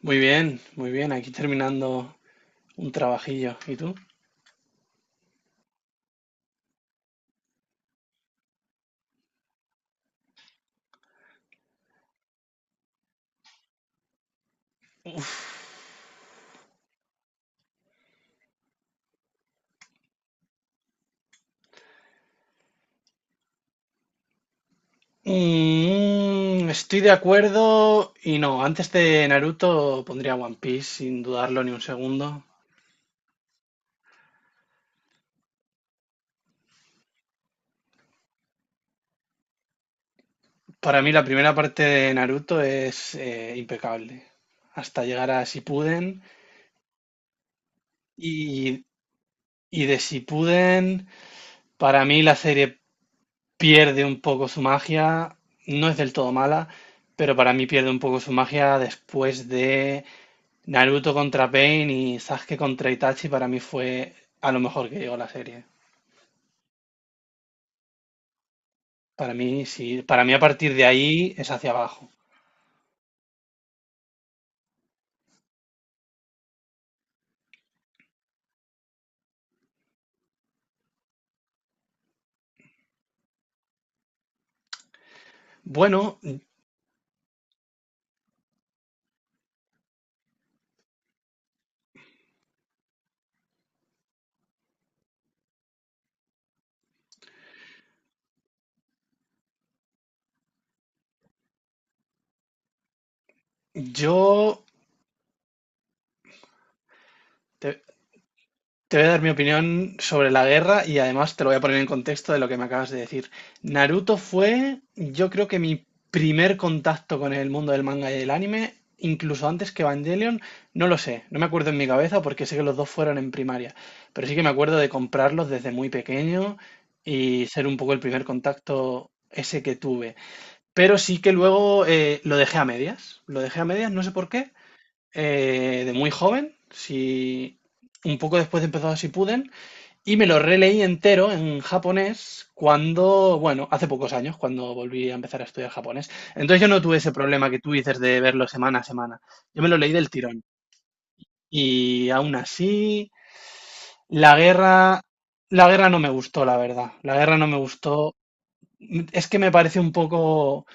Muy bien, muy bien. Aquí terminando un trabajillo. ¿Y tú? Uf. Estoy de acuerdo y no. Antes de Naruto pondría One Piece sin dudarlo ni un segundo. Para mí la primera parte de Naruto es impecable. Hasta llegar a Shippuden y, y de Shippuden para mí la serie pierde un poco su magia. No es del todo mala, pero para mí pierde un poco su magia después de Naruto contra Pain y Sasuke contra Itachi para mí fue a lo mejor que llegó la serie. Para mí, sí. Para mí a partir de ahí es hacia abajo. Bueno, yo te- te voy a dar mi opinión sobre la guerra y además te lo voy a poner en contexto de lo que me acabas de decir. Naruto fue, yo creo que mi primer contacto con el mundo del manga y del anime, incluso antes que Evangelion, no lo sé, no me acuerdo en mi cabeza porque sé que los dos fueron en primaria, pero sí que me acuerdo de comprarlos desde muy pequeño y ser un poco el primer contacto ese que tuve. Pero sí que luego lo dejé a medias, lo dejé a medias, no sé por qué, de muy joven, si un poco después de empezado Si puden y me lo releí entero en japonés cuando, bueno, hace pocos años, cuando volví a empezar a estudiar japonés. Entonces yo no tuve ese problema que tú dices de verlo semana a semana. Yo me lo leí del tirón. Y aún así, la guerra, la guerra no me gustó, la verdad. La guerra no me gustó. Es que me parece un poco.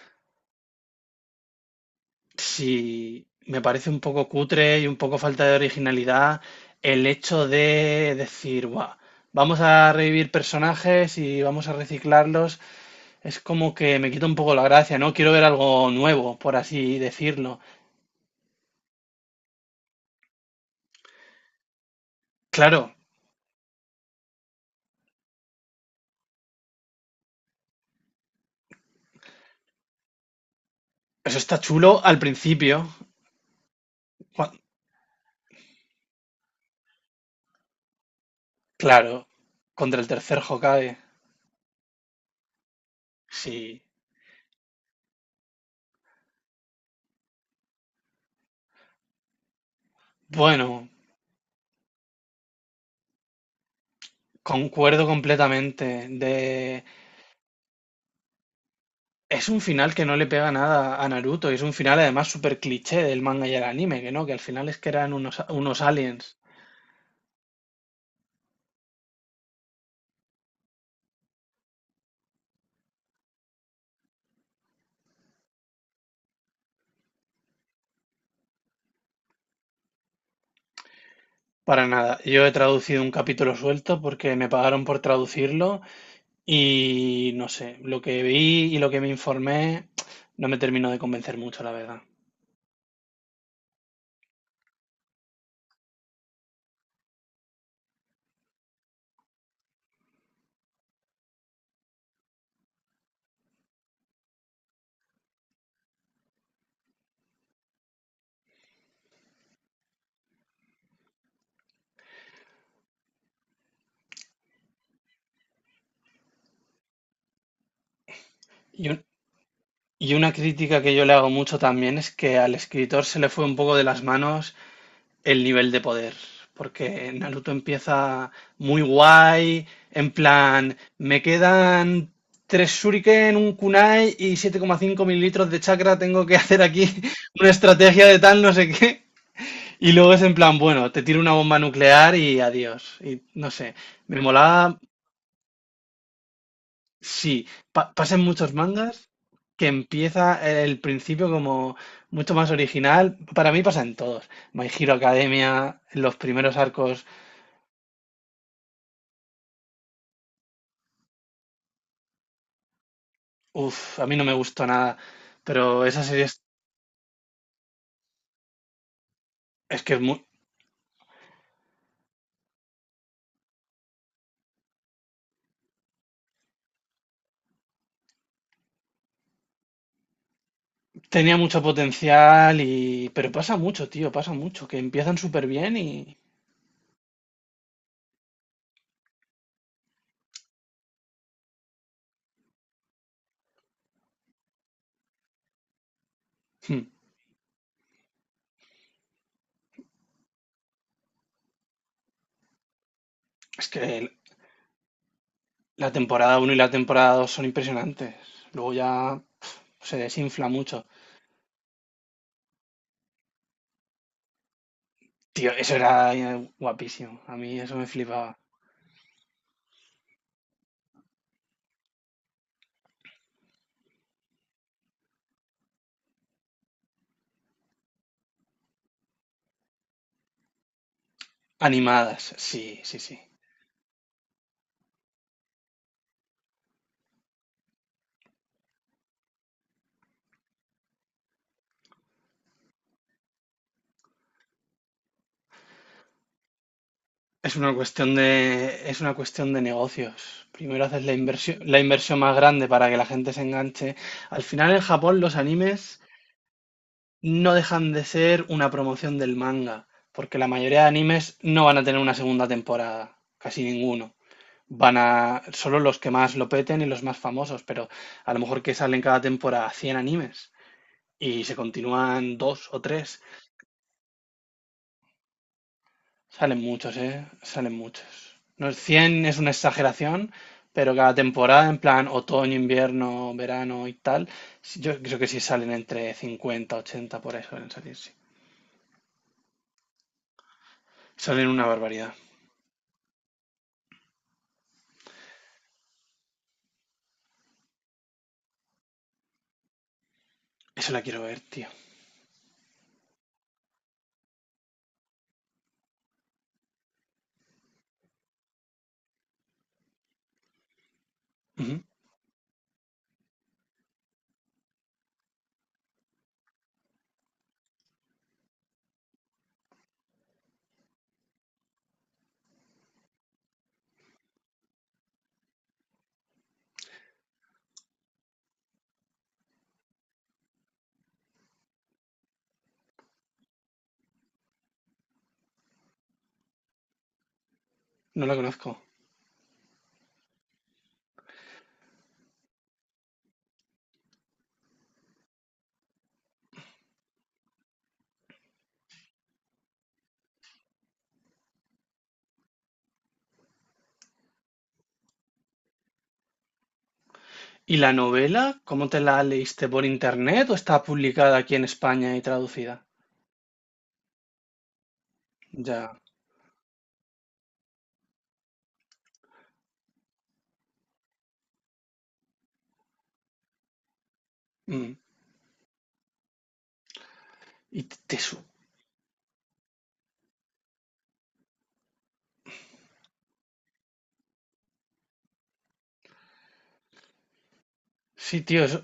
Sí, me parece un poco cutre y un poco falta de originalidad el hecho de decir, "Buah, vamos a revivir personajes y vamos a reciclarlos. Es como que me quita un poco la gracia, ¿no? Quiero ver algo nuevo, por así decirlo. Claro, eso está chulo al principio. cua- Claro, contra el tercer Hokage. Sí. Bueno, concuerdo completamente de. Es un final que no le pega nada a Naruto y es un final además súper cliché del manga y el anime, que no, que al final es que eran unos, unos aliens. Para nada. Yo he traducido un capítulo suelto porque me pagaron por traducirlo y no sé, lo que vi y lo que me informé no me terminó de convencer mucho, la verdad. Y y una crítica que yo le hago mucho también es que al escritor se le fue un poco de las manos el nivel de poder. Porque Naruto empieza muy guay, en plan, me quedan tres shuriken, un kunai y 7,5 mililitros de chakra, tengo que hacer aquí una estrategia de tal, no sé qué. Y luego es en plan, bueno, te tiro una bomba nuclear y adiós. Y no sé, me molaba, sí, pasan muchos mangas que empieza el principio como mucho más original. Para mí pasa en todos. My Hero Academia, los primeros arcos. Uf, a mí no me gustó nada, pero esa serie es, es que es mu- tenía mucho potencial y... Pero pasa mucho, tío, pasa mucho, que empiezan súper bien y... Hmm. Es que la temporada uno y la temporada 2 son impresionantes. Luego ya pf, se desinfla mucho. Tío, eso era guapísimo, a mí eso me flipaba. Animadas, sí, sí, sí. Es una cuestión de negocios. Primero haces la inversión más grande para que la gente se enganche. Al final en Japón los animes... no dejan de ser una promoción del manga, porque la mayoría de animes no van a tener una segunda temporada, casi ninguno. Van a solo los que más lo peten y los más famosos, pero a lo mejor que salen cada temporada 100 animes y se continúan dos o tres. Salen muchos, ¿eh? Salen muchos. No, 100 es una exageración, pero cada temporada, en plan otoño, invierno, verano y tal, yo creo que sí salen entre 50 80 por ahí suelen salir, sí. Salen una barbaridad. Eso la quiero ver, tío. Ujú. No la conozco. ¿Y la novela? ¿Cómo te la leíste? ¿Por internet o está publicada aquí en España y traducida? Ya. Mm. Y te te su- Sí, tío, eso,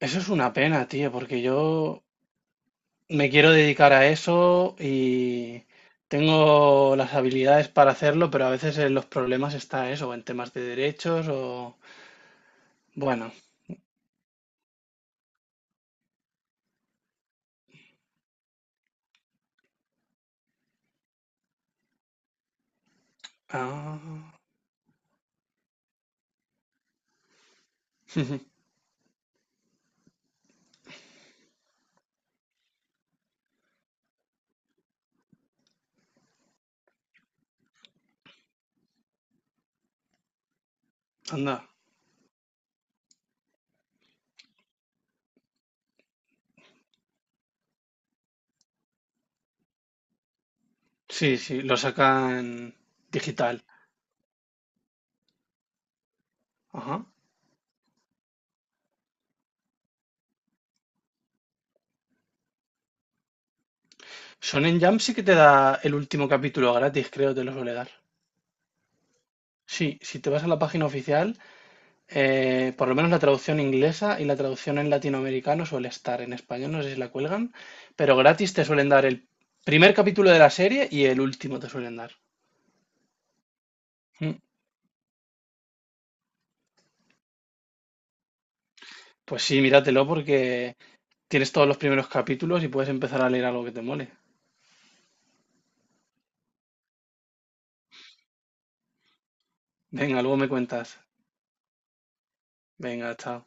eso es una pena, tío, porque yo me quiero dedicar a eso y tengo las habilidades para hacerlo, pero a veces en los problemas está eso, en temas de derechos o... Bueno. Ah, anda. Sí, sí, lo sacan digital. Ajá. Shonen Jump sí que te da el último capítulo gratis, creo, te lo suele dar. Sí, si te vas a la página oficial, por lo menos la traducción inglesa y la traducción en latinoamericano suele estar en español, no sé si la cuelgan, pero gratis te suelen dar el primer capítulo de la serie y el último te suelen dar. Mm. Pues sí, míratelo porque tienes todos los primeros capítulos y puedes empezar a leer algo que te mole. Venga, luego me cuentas. Venga, chao.